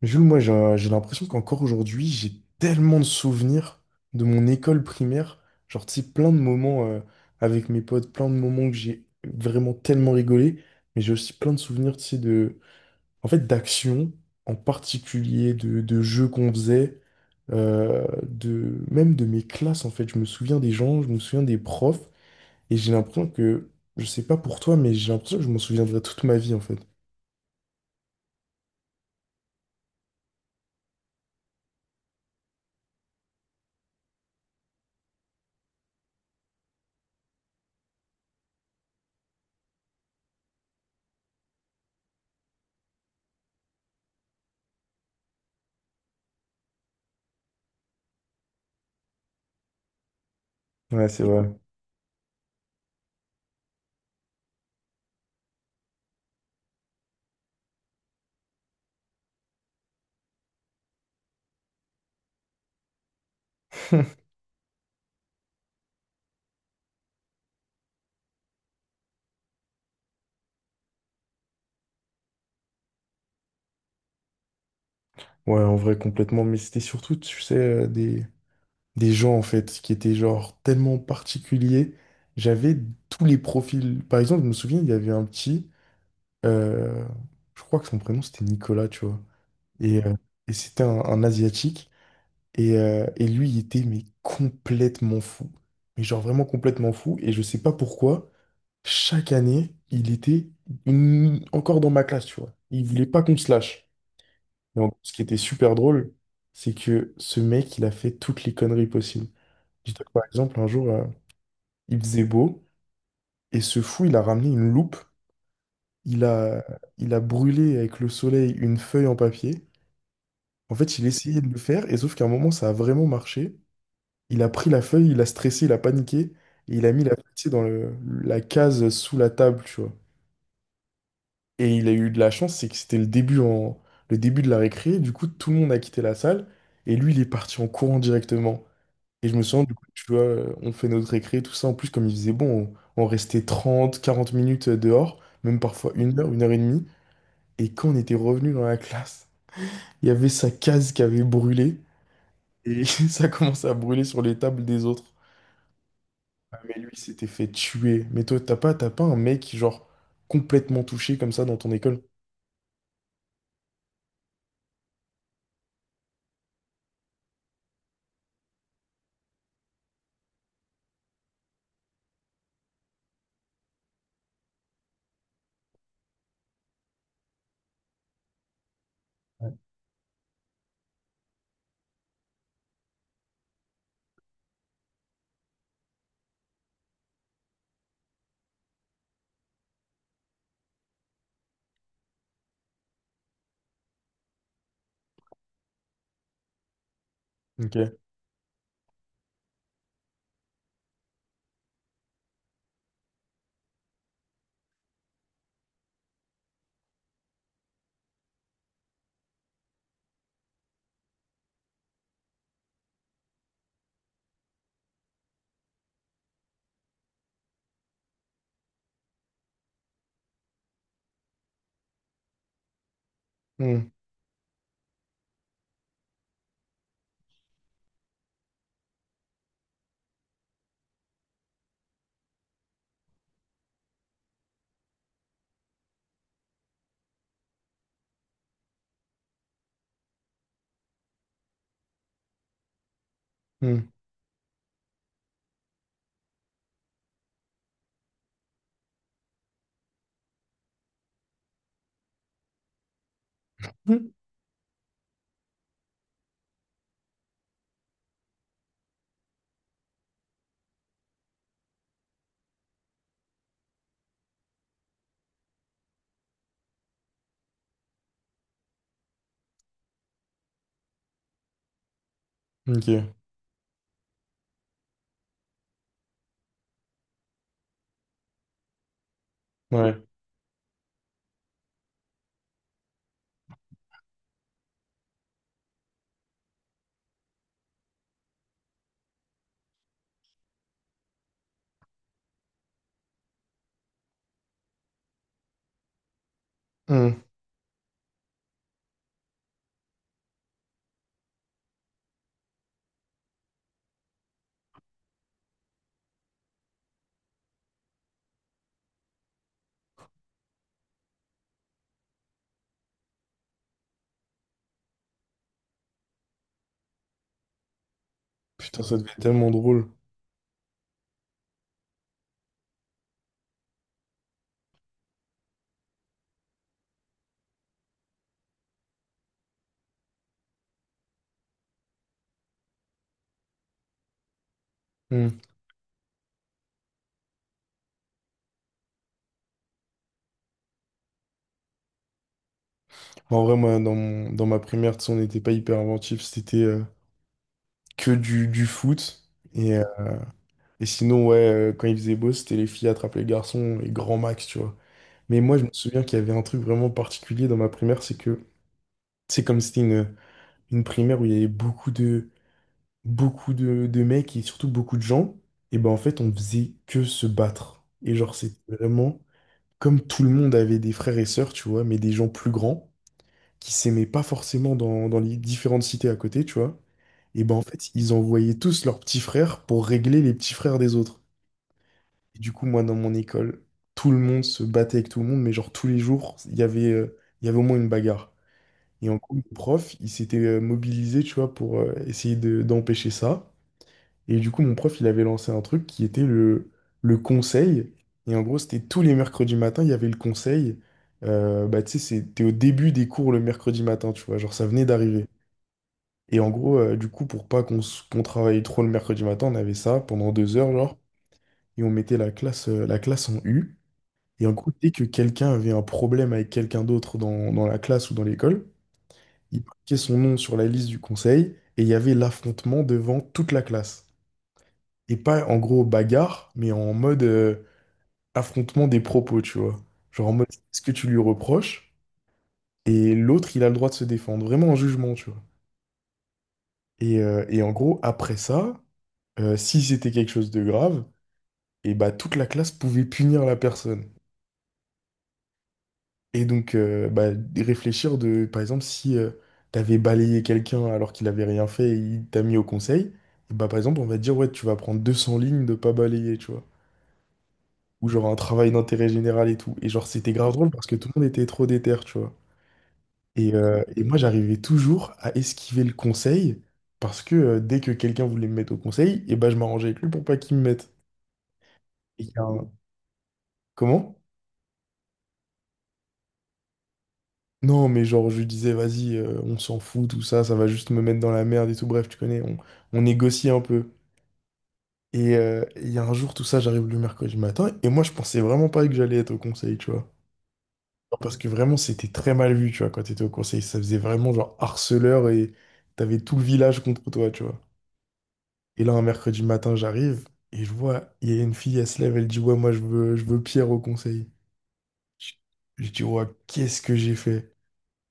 Mais Jules, moi, j'ai l'impression qu'encore aujourd'hui, j'ai tellement de souvenirs de mon école primaire. Genre, tu sais, plein de moments avec mes potes, plein de moments que j'ai vraiment tellement rigolé. Mais j'ai aussi plein de souvenirs, tu sais, de... En fait, d'actions en particulier, de jeux qu'on faisait, de... même de mes classes, en fait. Je me souviens des gens, je me souviens des profs. Et j'ai l'impression que, je sais pas pour toi, mais j'ai l'impression que je m'en souviendrai toute ma vie, en fait. Ouais, c'est vrai. Ouais, en vrai, complètement. Mais c'était surtout, tu sais, des gens, en fait, qui étaient, genre, tellement particuliers. J'avais tous les profils. Par exemple, je me souviens, il y avait un petit, euh, je crois que son prénom, c'était Nicolas, tu vois. Et, euh, et c'était un Asiatique. Et lui, il était, mais complètement fou. Mais genre, vraiment complètement fou. Et je sais pas pourquoi, chaque année, il était encore dans ma classe, tu vois. Il voulait pas qu'on se lâche. Et en gros, ce qui était super drôle, c'est que ce mec, il a fait toutes les conneries possibles. Dis-toi que, par exemple, un jour, il faisait beau, et ce fou, il a ramené une loupe, il a, il a brûlé avec le soleil une feuille en papier. En fait, il essayait de le faire, et sauf qu'à un moment, ça a vraiment marché. Il a pris la feuille, il a stressé, il a paniqué, et il a mis la feuille, tu sais, la case sous la table, tu vois. Et il a eu de la chance, c'est que c'était le début de la récré, du coup, tout le monde a quitté la salle, et lui, il est parti en courant directement. Et je me souviens, du coup, tu vois, on fait notre récré, tout ça. En plus, comme il faisait bon, on restait 30 40 minutes dehors, même parfois une heure et demie. Et quand on était revenu dans la classe, il y avait sa case qui avait brûlé et ça commençait à brûler sur les tables des autres. Ah, mais lui, il s'était fait tuer. Mais toi, t'as pas un mec, genre, complètement touché comme ça dans ton école? Ouais. Ok. Hmm, hmm. Hmm. Ok. Ouais. Hmm. Putain, ça devait être tellement drôle. Mmh. Bon, en vrai, moi, dans ma primaire, tu sais, on n'était pas hyper inventif, c'était que du foot. Et sinon, ouais, quand il faisait beau, c'était les filles attrapent les garçons et grand max, tu vois. Mais moi, je me souviens qu'il y avait un truc vraiment particulier dans ma primaire, c'est comme c'était une primaire où il y avait beaucoup de mecs et surtout beaucoup de gens, et ben en fait, on faisait que se battre. Et genre, c'était vraiment comme tout le monde avait des frères et sœurs, tu vois, mais des gens plus grands, qui s'aimaient pas forcément dans les différentes cités à côté, tu vois. Et ben en fait, ils envoyaient tous leurs petits frères pour régler les petits frères des autres. Et du coup, moi, dans mon école, tout le monde se battait avec tout le monde, mais genre tous les jours, il y avait au moins une bagarre. Et en gros, le prof, il s'était mobilisé, tu vois, pour d'empêcher ça. Et du coup, mon prof, il avait lancé un truc qui était le conseil. Et en gros, c'était tous les mercredis matins, il y avait le conseil. Bah, tu sais, c'était au début des cours le mercredi matin, tu vois, genre ça venait d'arriver. Et en gros, du coup, pour pas qu'on travaille trop le mercredi matin, on avait ça pendant deux heures, genre, et on mettait la classe en U. Et en gros, dès que quelqu'un avait un problème avec quelqu'un d'autre dans la classe ou dans l'école, il marquait son nom sur la liste du conseil et il y avait l'affrontement devant toute la classe. Et pas en gros bagarre, mais en mode affrontement des propos, tu vois. Genre en mode, est-ce que tu lui reproches? Et l'autre, il a le droit de se défendre, vraiment en jugement, tu vois. Et en gros, après ça, si c'était quelque chose de grave, et bah toute la classe pouvait punir la personne. Et donc bah, réfléchir de, par exemple, si t'avais balayé quelqu'un alors qu'il avait rien fait et il t'a mis au conseil, et bah par exemple on va te dire ouais tu vas prendre 200 lignes de pas balayer, tu vois. Ou genre un travail d'intérêt général et tout. Et genre c'était grave drôle parce que tout le monde était trop déter, tu vois. Et moi j'arrivais toujours à esquiver le conseil parce que dès que quelqu'un voulait me mettre au conseil, et bah je m'arrangeais avec lui pour pas qu'il me mette. Et il y a un- Comment? Non, mais genre, je lui disais, vas-y, on s'en fout, tout ça, ça va juste me mettre dans la merde et tout. Bref, tu connais, on négocie un peu. Il y a un jour, tout ça, j'arrive le mercredi matin, et moi, je pensais vraiment pas que j'allais être au conseil, tu vois. Parce que vraiment, c'était très mal vu, tu vois, quand t'étais au conseil. Ça faisait vraiment genre harceleur et t'avais tout le village contre toi, tu vois. Et là, un mercredi matin, j'arrive, et je vois, il y a une fille, elle se lève, elle dit, ouais, moi, je veux Pierre au conseil. Je je dis, ouais, qu'est-ce que j'ai fait?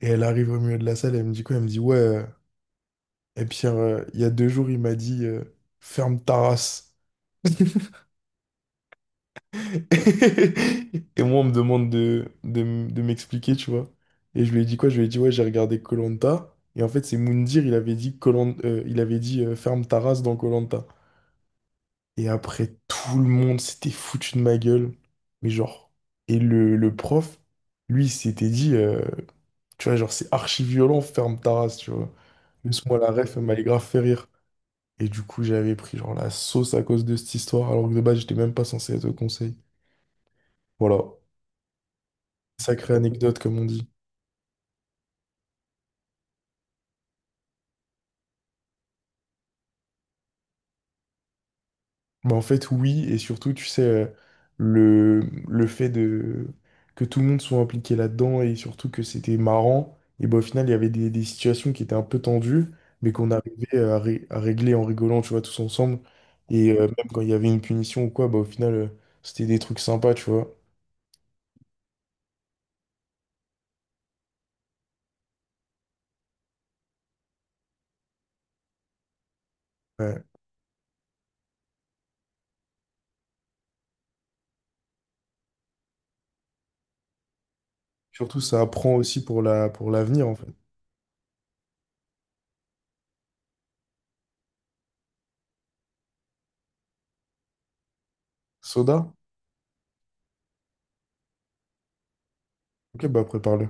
Et elle arrive au milieu de la salle, elle me dit quoi? Elle me dit, ouais, et puis il y a deux jours, il m'a dit ferme ta race. Et moi, on me demande de, de m'expliquer, tu vois. Et je lui ai dit quoi? Je lui ai dit, ouais, j'ai regardé koh. Et en fait, c'est Moundir, il avait dit, koh, il avait dit ferme ta race dans koh. Et après, tout le monde s'était foutu de ma gueule. Mais genre. Et le prof, lui, il s'était dit, tu vois, genre, c'est archi violent, ferme ta race, tu vois. Laisse-moi la ref, elle m'allait grave fait rire. Et du coup, j'avais pris genre la sauce à cause de cette histoire, alors que de base, j'étais même pas censé être au conseil. Voilà. Sacrée anecdote, comme on dit. Mais en fait, oui, et surtout, tu sais, le, le fait de que tout le monde soit impliqué là-dedans et surtout que c'était marrant, et ben au final, il y avait des situations qui étaient un peu tendues, mais qu'on arrivait à, à régler en rigolant, tu vois, tous ensemble. Et même quand il y avait une punition ou quoi, bah, au final, c'était des trucs sympas, tu vois. Ouais. Surtout, ça apprend aussi pour la, pour l'avenir, en fait. Soda? Ok, bah prépare-le.